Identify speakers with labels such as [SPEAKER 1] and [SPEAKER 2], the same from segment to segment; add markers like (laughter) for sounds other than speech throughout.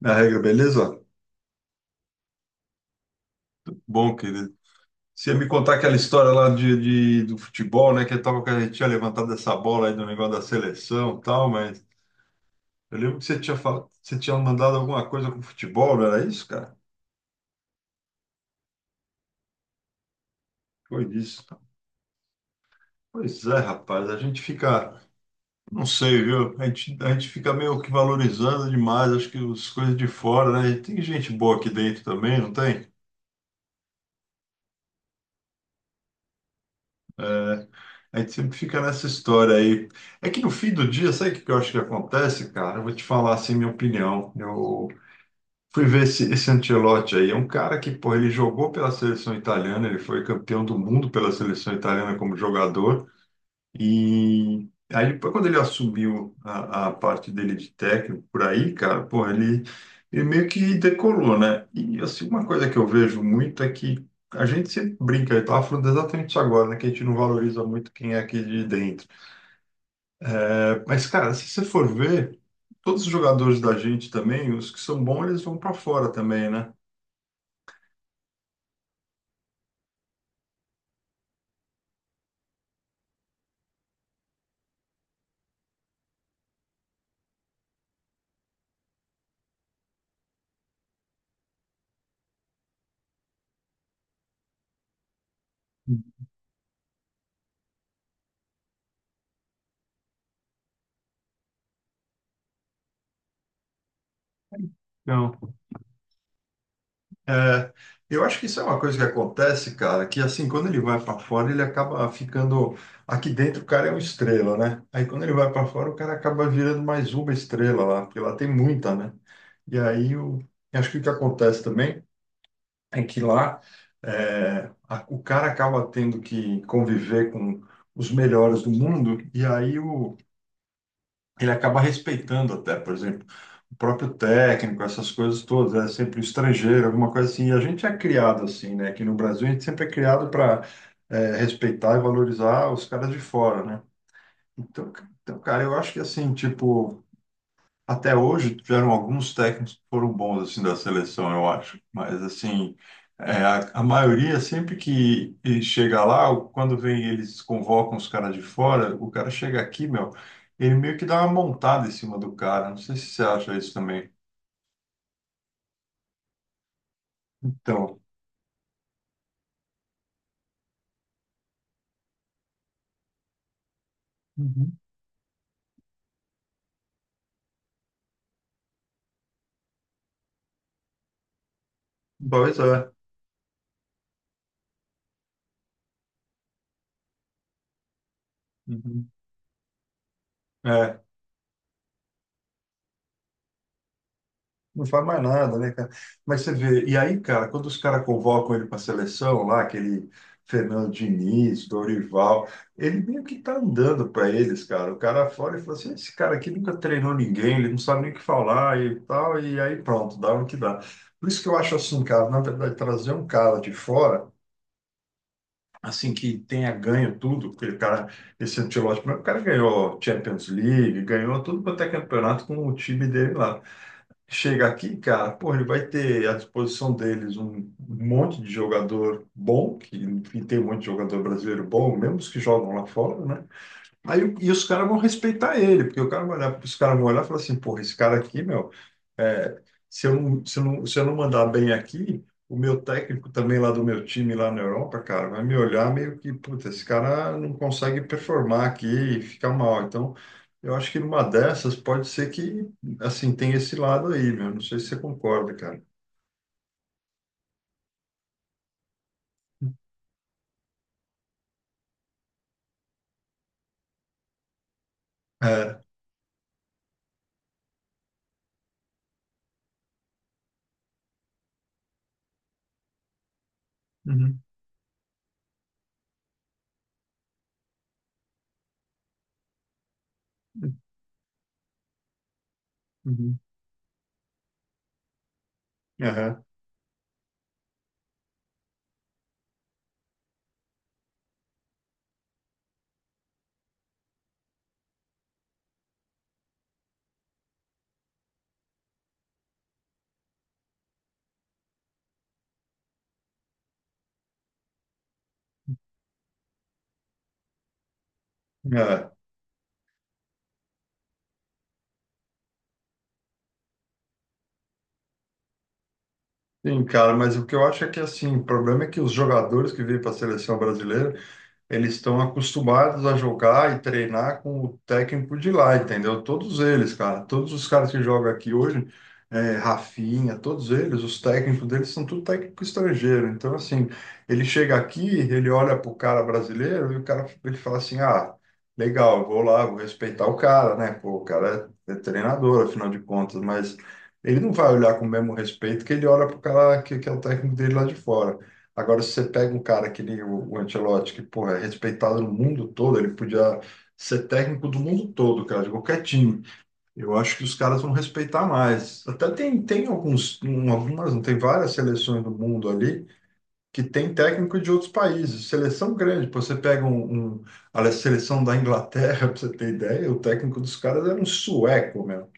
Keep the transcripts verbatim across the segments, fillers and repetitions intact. [SPEAKER 1] Na regra, beleza? Bom, querido. Você ia me contar aquela história lá de, de- do futebol, né? Que eu tava, que a gente tinha levantado essa bola aí do negócio da seleção e tal, mas eu lembro que você tinha falado, você tinha mandado alguma coisa com futebol, não era isso, cara? Foi isso. Pois é, rapaz, a gente fica, não sei, viu? A gente, a gente fica meio que valorizando demais, acho que as coisas de fora, né? E tem gente boa aqui dentro também, não tem? É, a gente sempre fica nessa história aí. É que no fim do dia, sabe o que que eu acho que acontece, cara? Eu vou te falar assim, minha opinião. Eu fui ver esse, esse Ancelotti aí. É um cara que, pô, ele jogou pela seleção italiana, ele foi campeão do mundo pela seleção italiana como jogador. E aí, depois, quando ele assumiu a, a parte dele de técnico por aí, cara, pô, ele, ele meio que decolou, né? E assim, uma coisa que eu vejo muito é que a gente sempre brinca, eu estava falando exatamente isso agora, né? Que a gente não valoriza muito quem é aqui de dentro. Mas, cara, se você for ver, todos os jogadores da gente também, os que são bons, eles vão para fora também, né? Então, é, eu acho que isso é uma coisa que acontece, cara, que assim, quando ele vai para fora, ele acaba ficando. Aqui dentro o cara é uma estrela, né? Aí quando ele vai para fora, o cara acaba virando mais uma estrela lá, porque lá tem muita, né? E aí eu acho que o que acontece também é que lá é, a- o cara acaba tendo que conviver com os melhores do mundo, e aí o ele acaba respeitando até, por exemplo, o próprio técnico, essas coisas todas, é sempre o estrangeiro, alguma coisa assim. E a gente é criado assim, né? Aqui no Brasil a gente sempre é criado para respeitar e valorizar os caras de fora, né? Então, ca- então, cara, eu acho que assim, tipo, até hoje tiveram alguns técnicos que foram bons assim da seleção, eu acho. Mas assim, é, a, a maioria sempre que e chega lá, o- quando vem eles convocam os caras de fora, o cara chega aqui, meu, ele meio que dá uma montada em cima do cara. Não sei se você acha isso também. Então, uhum, pois é. Uhum. É. Não faz mais nada, né, cara? Mas você vê, e aí, cara, quando os caras convocam ele para a seleção, lá, aquele Fernando Diniz, Dorival, ele meio que tá andando para eles, cara. O cara fora e fala assim: esse cara aqui nunca treinou ninguém, ele não sabe nem o que falar e tal, e aí pronto, dá no que dá. Por isso que eu acho assim, cara, na verdade, trazer um cara de fora, assim, que tenha ganho tudo, porque o cara, esse Ancelotti, o cara ganhou Champions League, ganhou tudo quanto é campeonato com o time dele lá, chega aqui, cara, pô, ele vai ter à disposição deles um monte de jogador bom, que enfim, tem um monte de jogador brasileiro bom, mesmo os que jogam lá fora, né? Aí, o- e os caras vão respeitar ele, porque o cara vai olhar, os caras vão olhar e falar assim, porra, esse cara aqui, meu. É, se eu não, se eu não, se eu não mandar bem aqui, o meu técnico também lá do meu time lá na Europa, cara, vai me olhar meio que, puta, esse cara não consegue performar aqui e fica mal. Então, eu acho que numa dessas pode ser que, assim, tem esse lado aí, meu. Não sei se você concorda, cara. É. Uhum. Uhum. Aham. É. Sim, cara, mas o que eu acho é que, assim, o problema é que os jogadores que vêm para a seleção brasileira eles estão acostumados a jogar e treinar com o técnico de lá, entendeu? Todos eles, cara, todos os caras que jogam aqui hoje, é, Rafinha, todos eles, os técnicos deles são tudo técnico estrangeiro. Então, assim, ele chega aqui, ele olha pro cara brasileiro e o cara ele fala assim, ah, legal, eu vou lá, vou respeitar o cara, né? Pô, o cara é, é treinador, afinal de contas, mas ele não vai olhar com o mesmo respeito que ele olha pro cara que, que é o técnico dele lá de fora. Agora, se você pega um cara que ele, o, o Ancelotti, que, porra, é respeitado no mundo todo, ele podia ser técnico do mundo todo, cara, de qualquer time. Eu acho que os caras vão respeitar mais. Até tem, tem alguns, um, algumas, não tem várias seleções do mundo ali que tem técnico de outros países. Seleção grande, pô, você pega um, um- a seleção da Inglaterra, (laughs) pra você ter ideia, o técnico dos caras era um sueco, meu.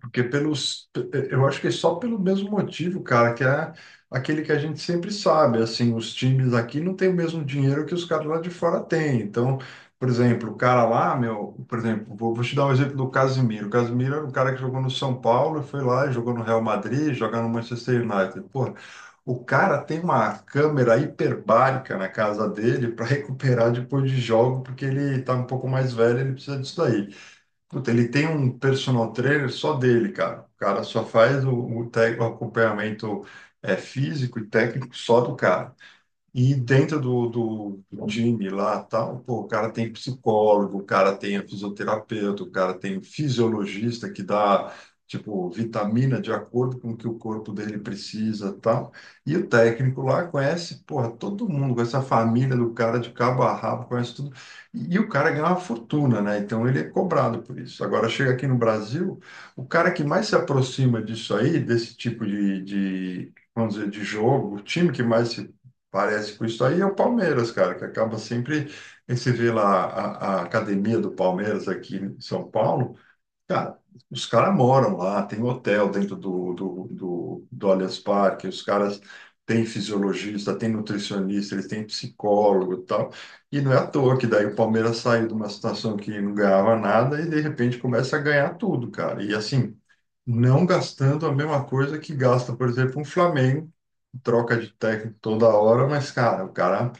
[SPEAKER 1] Porque pelos, eu acho que é só pelo mesmo motivo, cara, que é aquele que a gente sempre sabe, assim, os times aqui não têm o mesmo dinheiro que os caras lá de fora têm. Então, por exemplo, o cara lá, meu, por exemplo, vou, vou te dar um exemplo do Casimiro. O Casimiro era um cara que jogou no São Paulo, foi lá, jogou no Real Madrid, jogou no Manchester United. Porra, o cara tem uma câmera hiperbárica na casa dele para (laughs) recuperar depois de jogo, porque ele tá um pouco mais velho, ele precisa disso daí. Puta, ele tem um personal trainer só dele, cara. O cara só faz o, o, tec- o acompanhamento é, físico e técnico só do cara. E dentro do, do, do time lá, tal, pô, o cara tem psicólogo, o cara tem fisioterapeuta, o cara tem fisiologista que dá, tipo, vitamina de acordo com o que o corpo dele precisa, tal. E o técnico lá conhece, porra, todo mundo, conhece a família do cara de cabo a rabo, conhece tudo. E, e o cara ganha uma fortuna, né? Então ele é cobrado por isso. Agora, chega aqui no Brasil, o cara que mais se aproxima disso aí, desse tipo de, de vamos dizer, de jogo, o time que mais se parece com isso aí é o Palmeiras, cara, que acaba sempre. Aí você vê lá a, a academia do Palmeiras aqui em São Paulo, cara, os caras moram lá, tem hotel dentro do, do, do, do Allianz Parque, os caras têm fisiologista, têm nutricionista, eles têm psicólogo e tal. E não é à toa que daí o Palmeiras saiu de uma situação que não ganhava nada e de repente começa a ganhar tudo, cara. E assim, não gastando a mesma coisa que gasta, por exemplo, um Flamengo troca de técnico toda hora, mas, cara, o cara,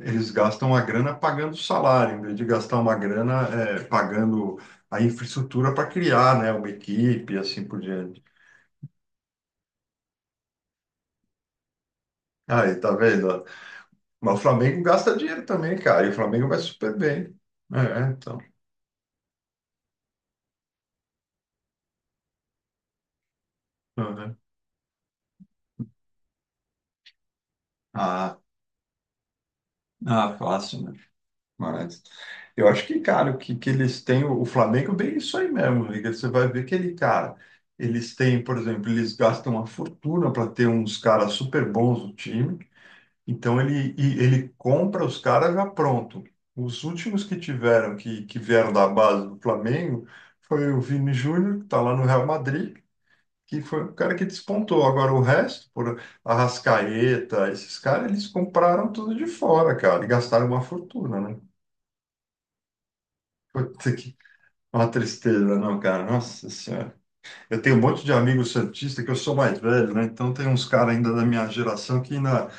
[SPEAKER 1] eles gastam uma grana pagando salário, em vez de gastar uma grana é, pagando a infraestrutura para criar, né, uma equipe e assim por diante. Aí, tá vendo, ó? Mas o Flamengo gasta dinheiro também, cara, e o Flamengo vai super bem. É, então. Tá vendo? Ah, ah, fácil, né? Mas eu acho que, cara, o que, que eles têm, o o Flamengo bem isso aí mesmo, Liga. Você vai ver que ele, cara, eles têm, por exemplo, eles gastam uma fortuna para ter uns caras super bons no time, então ele, e- ele compra os caras já pronto. Os últimos que tiveram, que, que vieram da base do Flamengo, foi o Vini Júnior, que está lá no Real Madrid, que foi o cara que despontou. Agora o resto, por Arrascaeta, esses caras, eles compraram tudo de fora, cara, e gastaram uma fortuna, né? Puta, que uma tristeza, não, cara. Nossa Senhora. Eu tenho um monte de amigo santista que eu sou mais velho, né? Então tem uns caras ainda da minha geração que ainda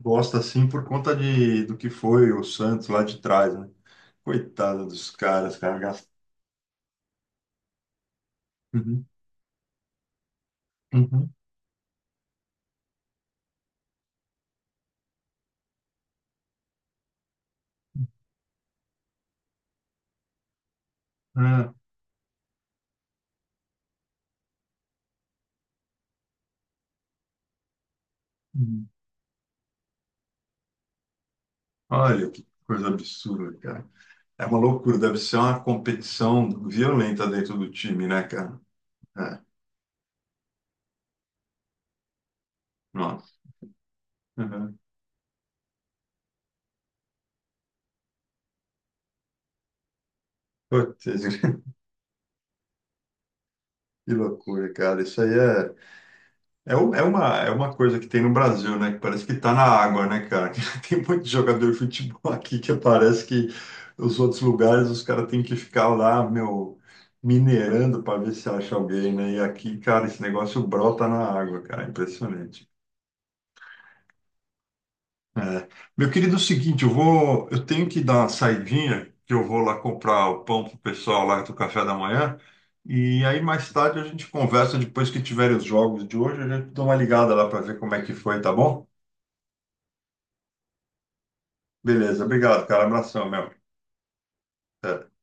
[SPEAKER 1] gosta assim por conta de do que foi o Santos lá de trás, né? Coitado dos caras, cara. Gasta- uhum, uhum, é, uhum. Olha que coisa absurda, cara. É uma loucura, deve ser uma competição violenta dentro do time, né, cara? É, nossa. Uhum. Putz, (laughs) que loucura, cara. Isso aí é. É, u- é uma, é uma coisa que tem no Brasil, né? Que parece que tá na água, né, cara? (laughs) Tem muito jogador de futebol aqui que parece que os outros lugares os caras têm que ficar lá, meu, minerando para ver se acha alguém, né? E aqui, cara, esse negócio brota na água, cara. Impressionante. É. Meu querido, é o seguinte, eu vou, eu tenho que dar uma saidinha, que eu vou lá comprar o pão pro pessoal lá do café da manhã. E aí mais tarde a gente conversa depois que tiverem os jogos de hoje, a gente dá uma ligada lá para ver como é que foi, tá bom? Beleza, obrigado, cara. Abração, meu. Até.